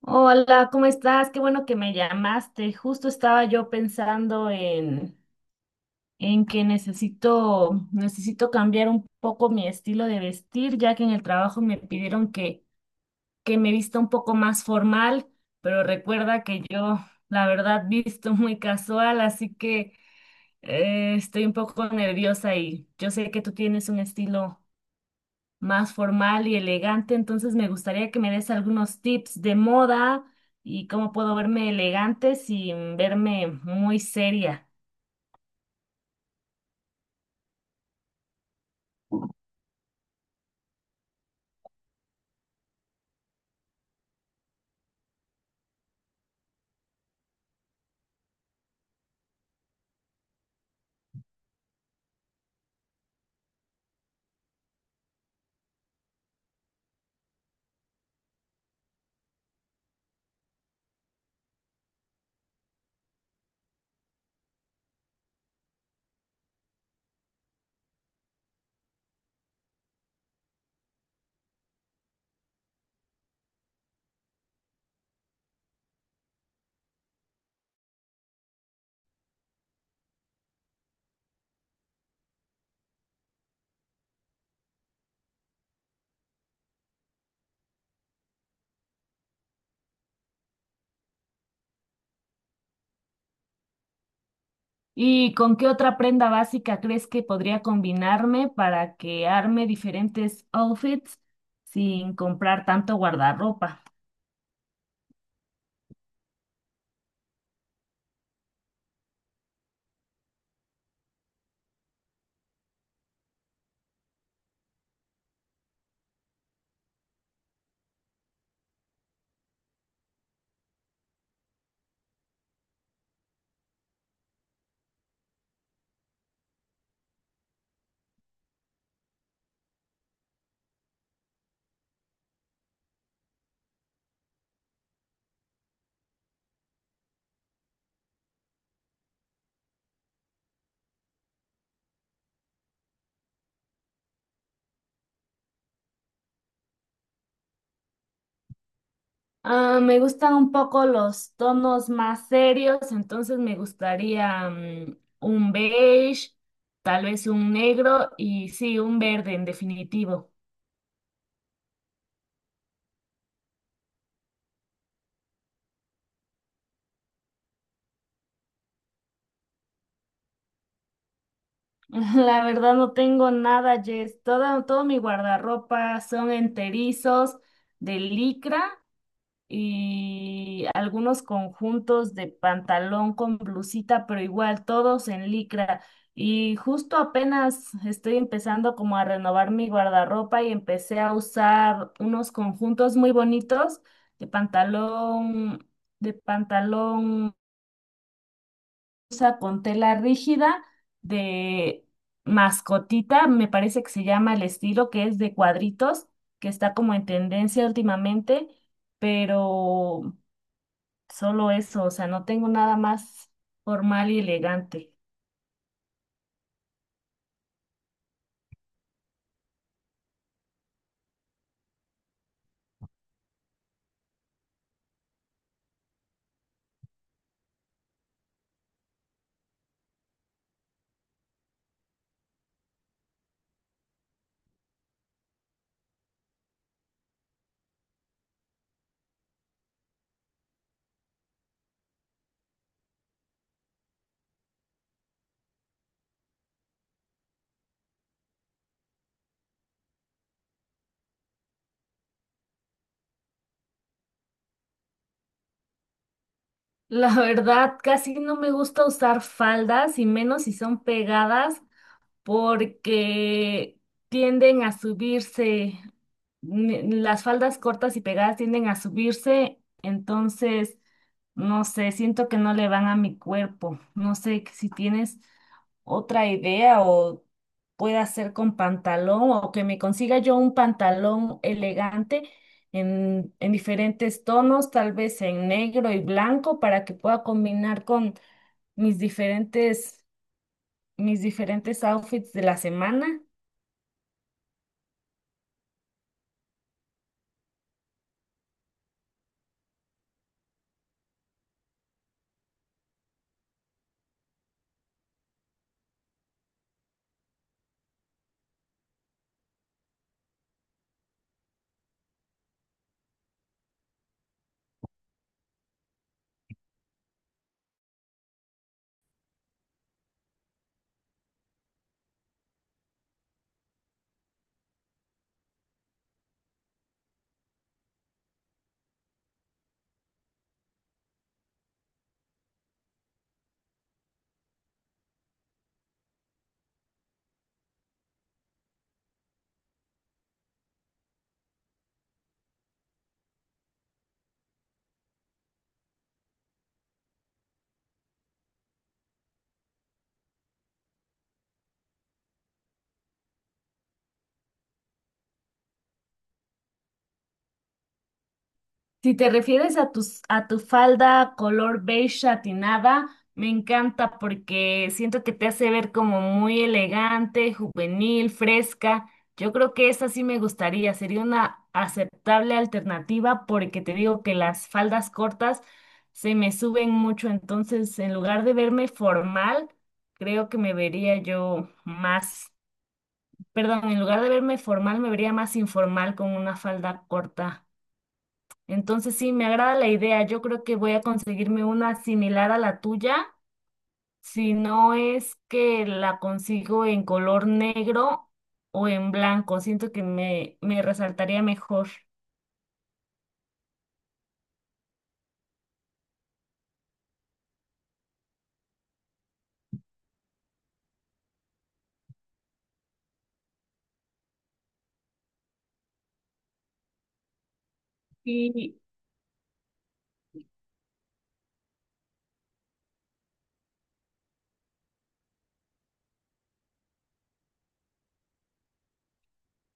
Hola, ¿cómo estás? Qué bueno que me llamaste. Justo estaba yo pensando en que necesito cambiar un poco mi estilo de vestir, ya que en el trabajo me pidieron que me vista un poco más formal, pero recuerda que yo, la verdad, visto muy casual, así que estoy un poco nerviosa y yo sé que tú tienes un estilo más formal y elegante. Entonces me gustaría que me des algunos tips de moda y cómo puedo verme elegante sin verme muy seria. ¿Y con qué otra prenda básica crees que podría combinarme para que arme diferentes outfits sin comprar tanto guardarropa? Ah, me gustan un poco los tonos más serios, entonces me gustaría un beige, tal vez un negro y sí, un verde en definitivo. La verdad no tengo nada, Jess. Todo mi guardarropa son enterizos de licra y algunos conjuntos de pantalón con blusita, pero igual todos en licra. Y justo apenas estoy empezando como a renovar mi guardarropa y empecé a usar unos conjuntos muy bonitos de pantalón, de pantalón usa con tela rígida de mascotita, me parece que se llama el estilo, que es de cuadritos, que está como en tendencia últimamente, pero solo eso. O sea, no tengo nada más formal y elegante. La verdad, casi no me gusta usar faldas y menos si son pegadas porque tienden a subirse, las faldas cortas y pegadas tienden a subirse. Entonces, no sé, siento que no le van a mi cuerpo. No sé si tienes otra idea o pueda hacer con pantalón o que me consiga yo un pantalón elegante en diferentes tonos, tal vez en negro y blanco, para que pueda combinar con mis diferentes mis diferentes outfits de la semana. Si te refieres a a tu falda color beige satinada, me encanta porque siento que te hace ver como muy elegante, juvenil, fresca. Yo creo que esa sí me gustaría, sería una aceptable alternativa, porque te digo que las faldas cortas se me suben mucho, entonces en lugar de verme formal, creo que me vería yo más. Perdón, en lugar de verme formal, me vería más informal con una falda corta. Entonces sí, me agrada la idea. Yo creo que voy a conseguirme una similar a la tuya, si no es que la consigo en color negro o en blanco. Siento que me resaltaría mejor. Y,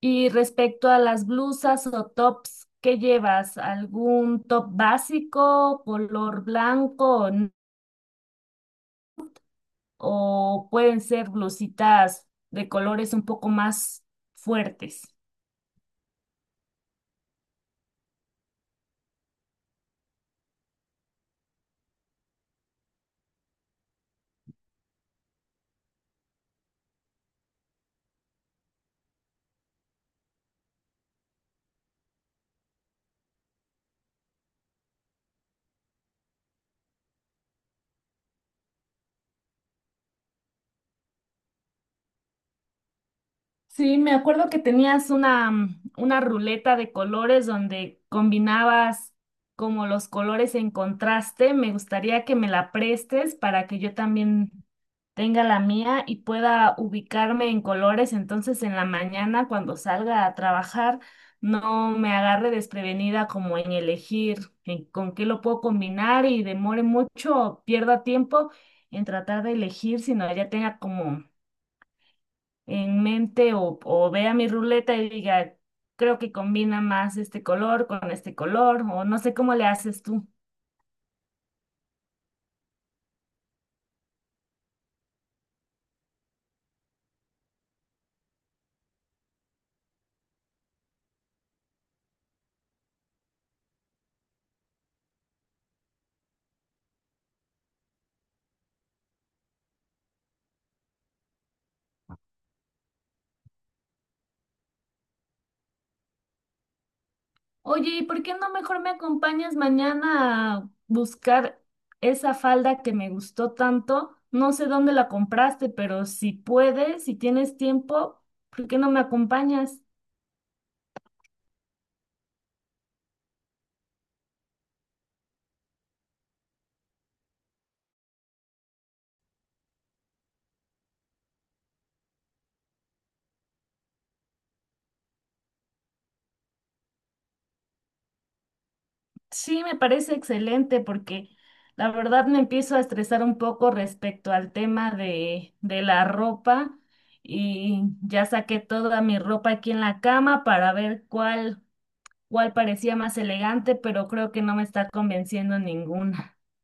y respecto a las blusas o tops, ¿qué llevas? ¿Algún top básico, color blanco? O pueden ser blusitas de colores un poco más fuertes. Sí, me acuerdo que tenías una, una ruleta de colores donde combinabas como los colores en contraste. Me gustaría que me la prestes para que yo también tenga la mía y pueda ubicarme en colores. Entonces en la mañana cuando salga a trabajar no me agarre desprevenida como en elegir en con qué lo puedo combinar y demore mucho o pierda tiempo en tratar de elegir, sino ya tenga como en mente o vea mi ruleta y diga, creo que combina más este color con este color, o no sé cómo le haces tú. Oye, ¿y por qué no mejor me acompañas mañana a buscar esa falda que me gustó tanto? No sé dónde la compraste, pero si puedes, si tienes tiempo, ¿por qué no me acompañas? Sí, me parece excelente porque la verdad me empiezo a estresar un poco respecto al tema de la ropa y ya saqué toda mi ropa aquí en la cama para ver cuál parecía más elegante, pero creo que no me está convenciendo ninguna.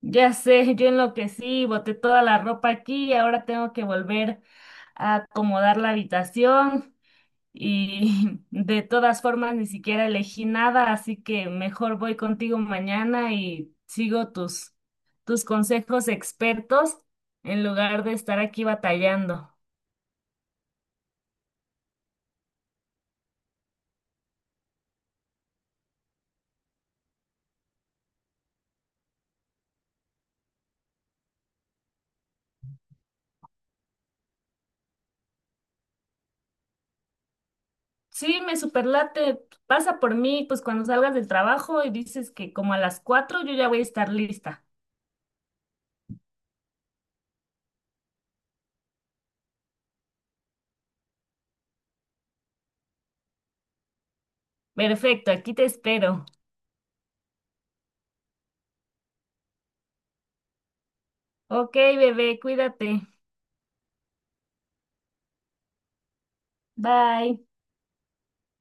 Ya sé, yo enloquecí, boté toda la ropa aquí y ahora tengo que volver a acomodar la habitación. Y de todas formas, ni siquiera elegí nada, así que mejor voy contigo mañana y sigo tus consejos expertos en lugar de estar aquí batallando. Sí, me superlate, pasa por mí, pues cuando salgas del trabajo y dices que como a las 4 yo ya voy a estar lista. Perfecto, aquí te espero. Ok, bebé, cuídate. Bye.